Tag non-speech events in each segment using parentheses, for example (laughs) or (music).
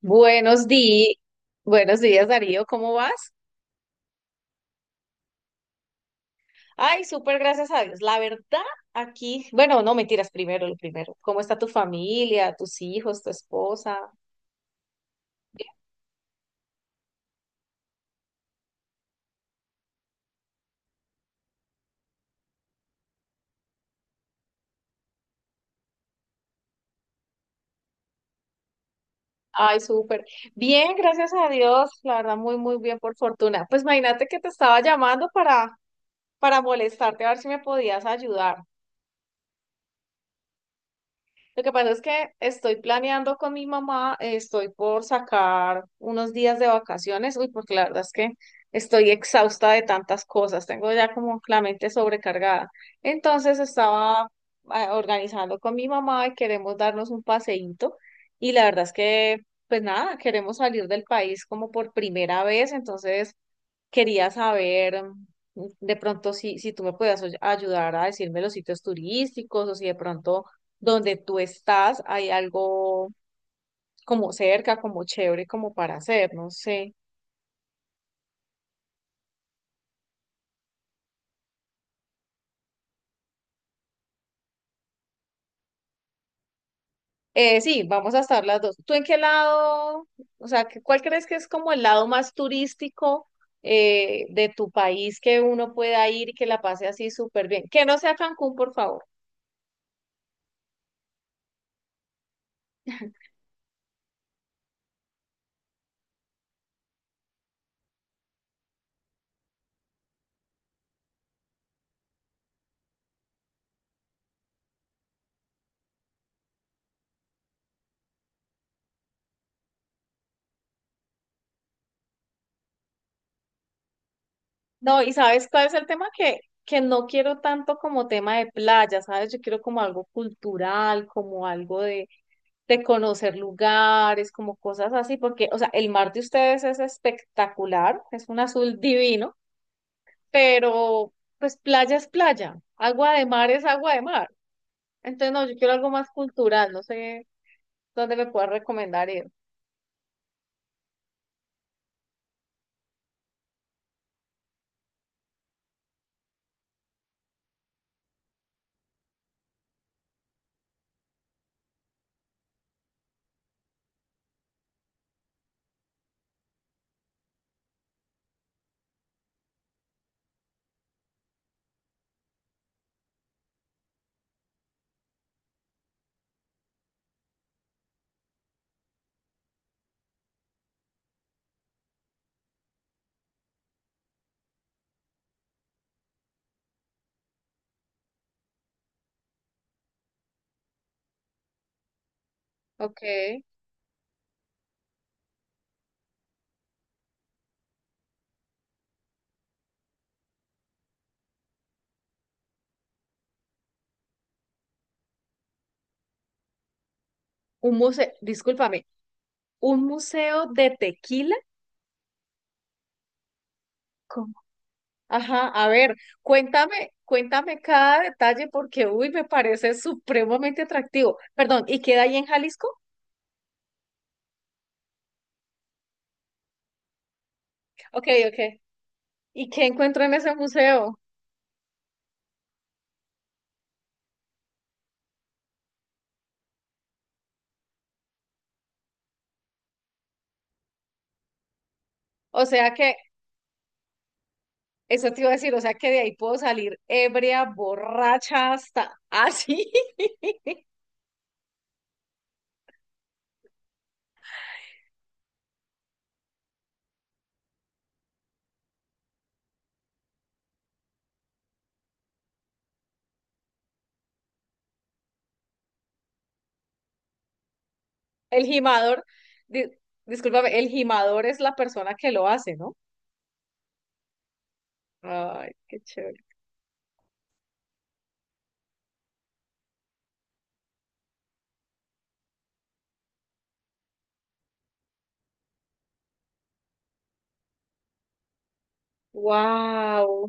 Buenos días, buenos días Darío, ¿cómo vas? Ay, súper gracias a Dios. La verdad, aquí, bueno, no mentiras, primero lo primero. ¿Cómo está tu familia, tus hijos, tu esposa? Ay, súper. Bien, gracias a Dios, la verdad, muy, muy bien, por fortuna. Pues imagínate que te estaba llamando para molestarte, a ver si me podías ayudar. Lo que pasa es que estoy planeando con mi mamá, estoy por sacar unos días de vacaciones, uy, porque la verdad es que estoy exhausta de tantas cosas, tengo ya como la mente sobrecargada. Entonces estaba organizando con mi mamá y queremos darnos un paseíto y la verdad es que, pues nada, queremos salir del país como por primera vez, entonces quería saber de pronto si tú me puedas ayudar a decirme los sitios turísticos o si de pronto donde tú estás hay algo como cerca, como chévere, como para hacer, no sé. Sí, vamos a estar las dos. ¿Tú en qué lado, o sea, que- cuál crees que es como el lado más turístico de tu país que uno pueda ir y que la pase así súper bien? Que no sea Cancún, por favor. No, y ¿sabes cuál es el tema? Que no quiero tanto como tema de playa, ¿sabes? Yo quiero como algo cultural, como algo de, conocer lugares, como cosas así, porque, o sea, el mar de ustedes es espectacular, es un azul divino, pero pues playa es playa, agua de mar es agua de mar. Entonces, no, yo quiero algo más cultural, no sé dónde me puedas recomendar ir. Ok. Un museo, discúlpame, un museo de tequila. Ajá, a ver, cuéntame, cuéntame cada detalle porque, uy, me parece supremamente atractivo. Perdón, ¿y queda ahí en Jalisco? Ok, ok. ¿Y qué encuentro en ese museo? O sea que, eso te iba a decir, o sea que de ahí puedo salir ebria, borracha, hasta así. (laughs) El gimador, di- discúlpame, el gimador es la persona que lo hace, ¿no? Ay, qué chévere. Wow.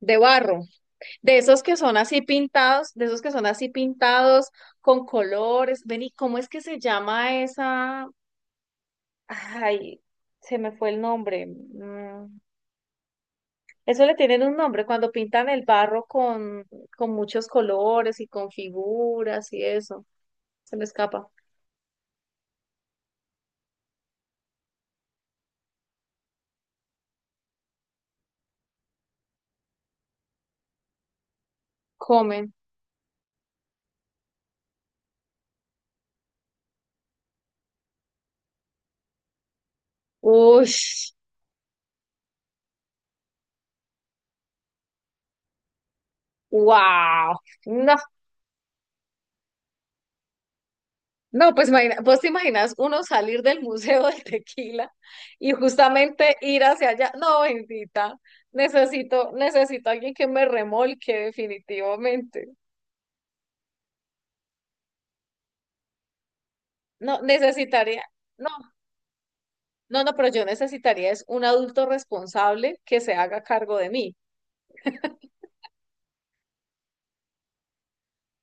De barro. De esos que son así pintados, de esos que son así pintados con colores. Ven, ¿y cómo es que se llama esa? Ay, se me fue el nombre. Eso le tienen un nombre cuando pintan el barro con muchos colores y con figuras y eso. Se me escapa. Comen. Uy, wow. No, no, pues vos te imaginas uno salir del Museo del Tequila y justamente ir hacia allá. No, bendita, necesito, necesito alguien que me remolque definitivamente. No, no, no, no, pero yo necesitaría es un adulto responsable que se haga cargo de mí.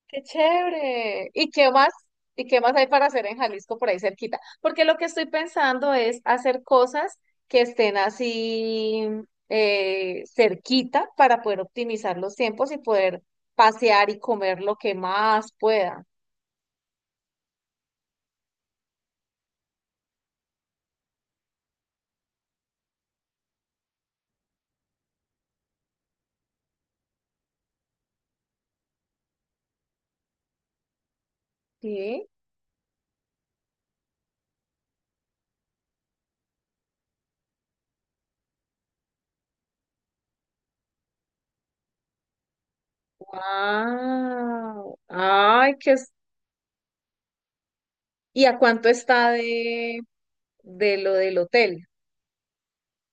Qué chévere. ¿Y qué más? ¿Y qué más hay para hacer en Jalisco por ahí cerquita? Porque lo que estoy pensando es hacer cosas que estén así cerquita para poder optimizar los tiempos y poder pasear y comer lo que más pueda. Sí. Wow. Ay, qué es- ¿Y a cuánto está de lo del hotel?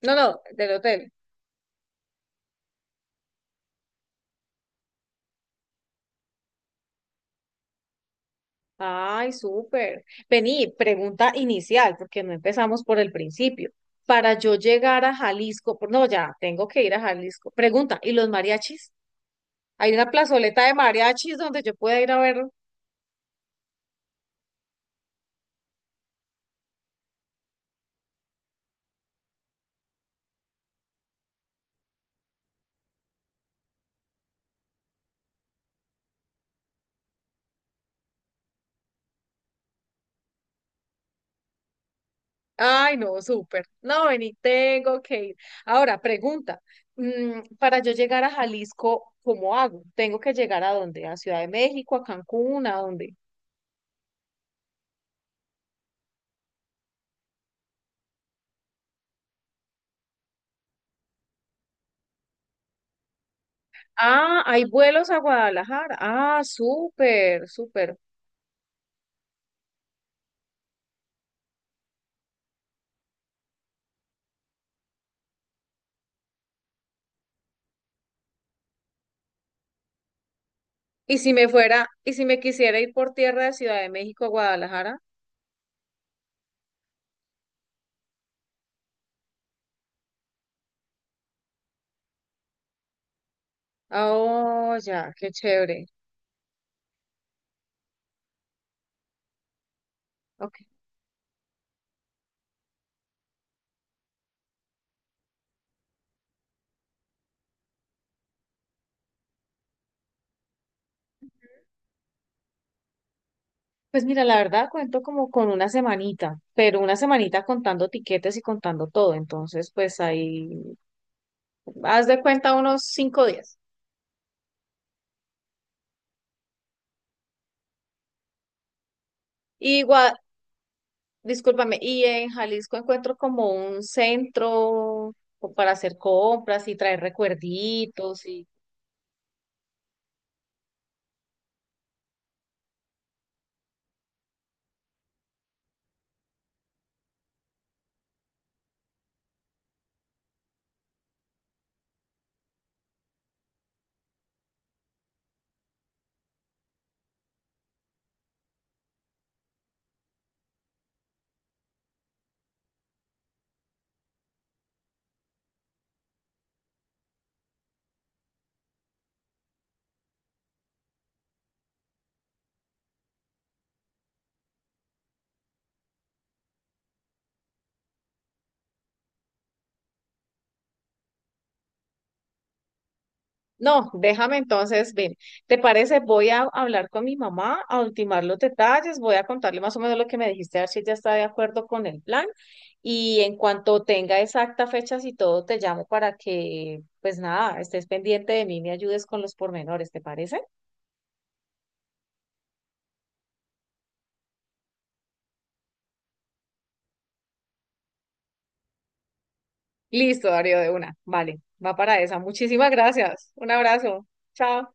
No, no, del hotel. Ay, súper. Vení, pregunta inicial, porque no empezamos por el principio. Para yo llegar a Jalisco, por- no, ya, tengo que ir a Jalisco. Pregunta, ¿y los mariachis? Hay una plazoleta de mariachis donde yo pueda ir a ver. Ay, no, súper. No, vení, tengo que ir. Ahora, pregunta, para yo llegar a Jalisco, ¿cómo hago? ¿Tengo que llegar a dónde? ¿A Ciudad de México, a Cancún, a dónde? Ah, hay vuelos a Guadalajara. Ah, súper, súper. Y si me fuera, y si me quisiera ir por tierra de Ciudad de México a Guadalajara, ah, oh, ya, qué chévere. Ok. Pues mira, la verdad cuento como con una semanita, pero una semanita contando tiquetes y contando todo. Entonces, pues ahí, haz de cuenta unos 5 días. Y Gua- discúlpame, y en Jalisco encuentro como un centro o para hacer compras y traer recuerditos y no, déjame entonces, ven, ¿te parece? Voy a hablar con mi mamá, a ultimar los detalles, voy a contarle más o menos lo que me dijiste, a ver si ella está de acuerdo con el plan y en cuanto tenga exacta fechas y todo, te llamo para que, pues nada, estés pendiente de mí, me ayudes con los pormenores, ¿te parece? Listo, Darío, de una. Vale, va para esa. Muchísimas gracias. Un abrazo. Chao.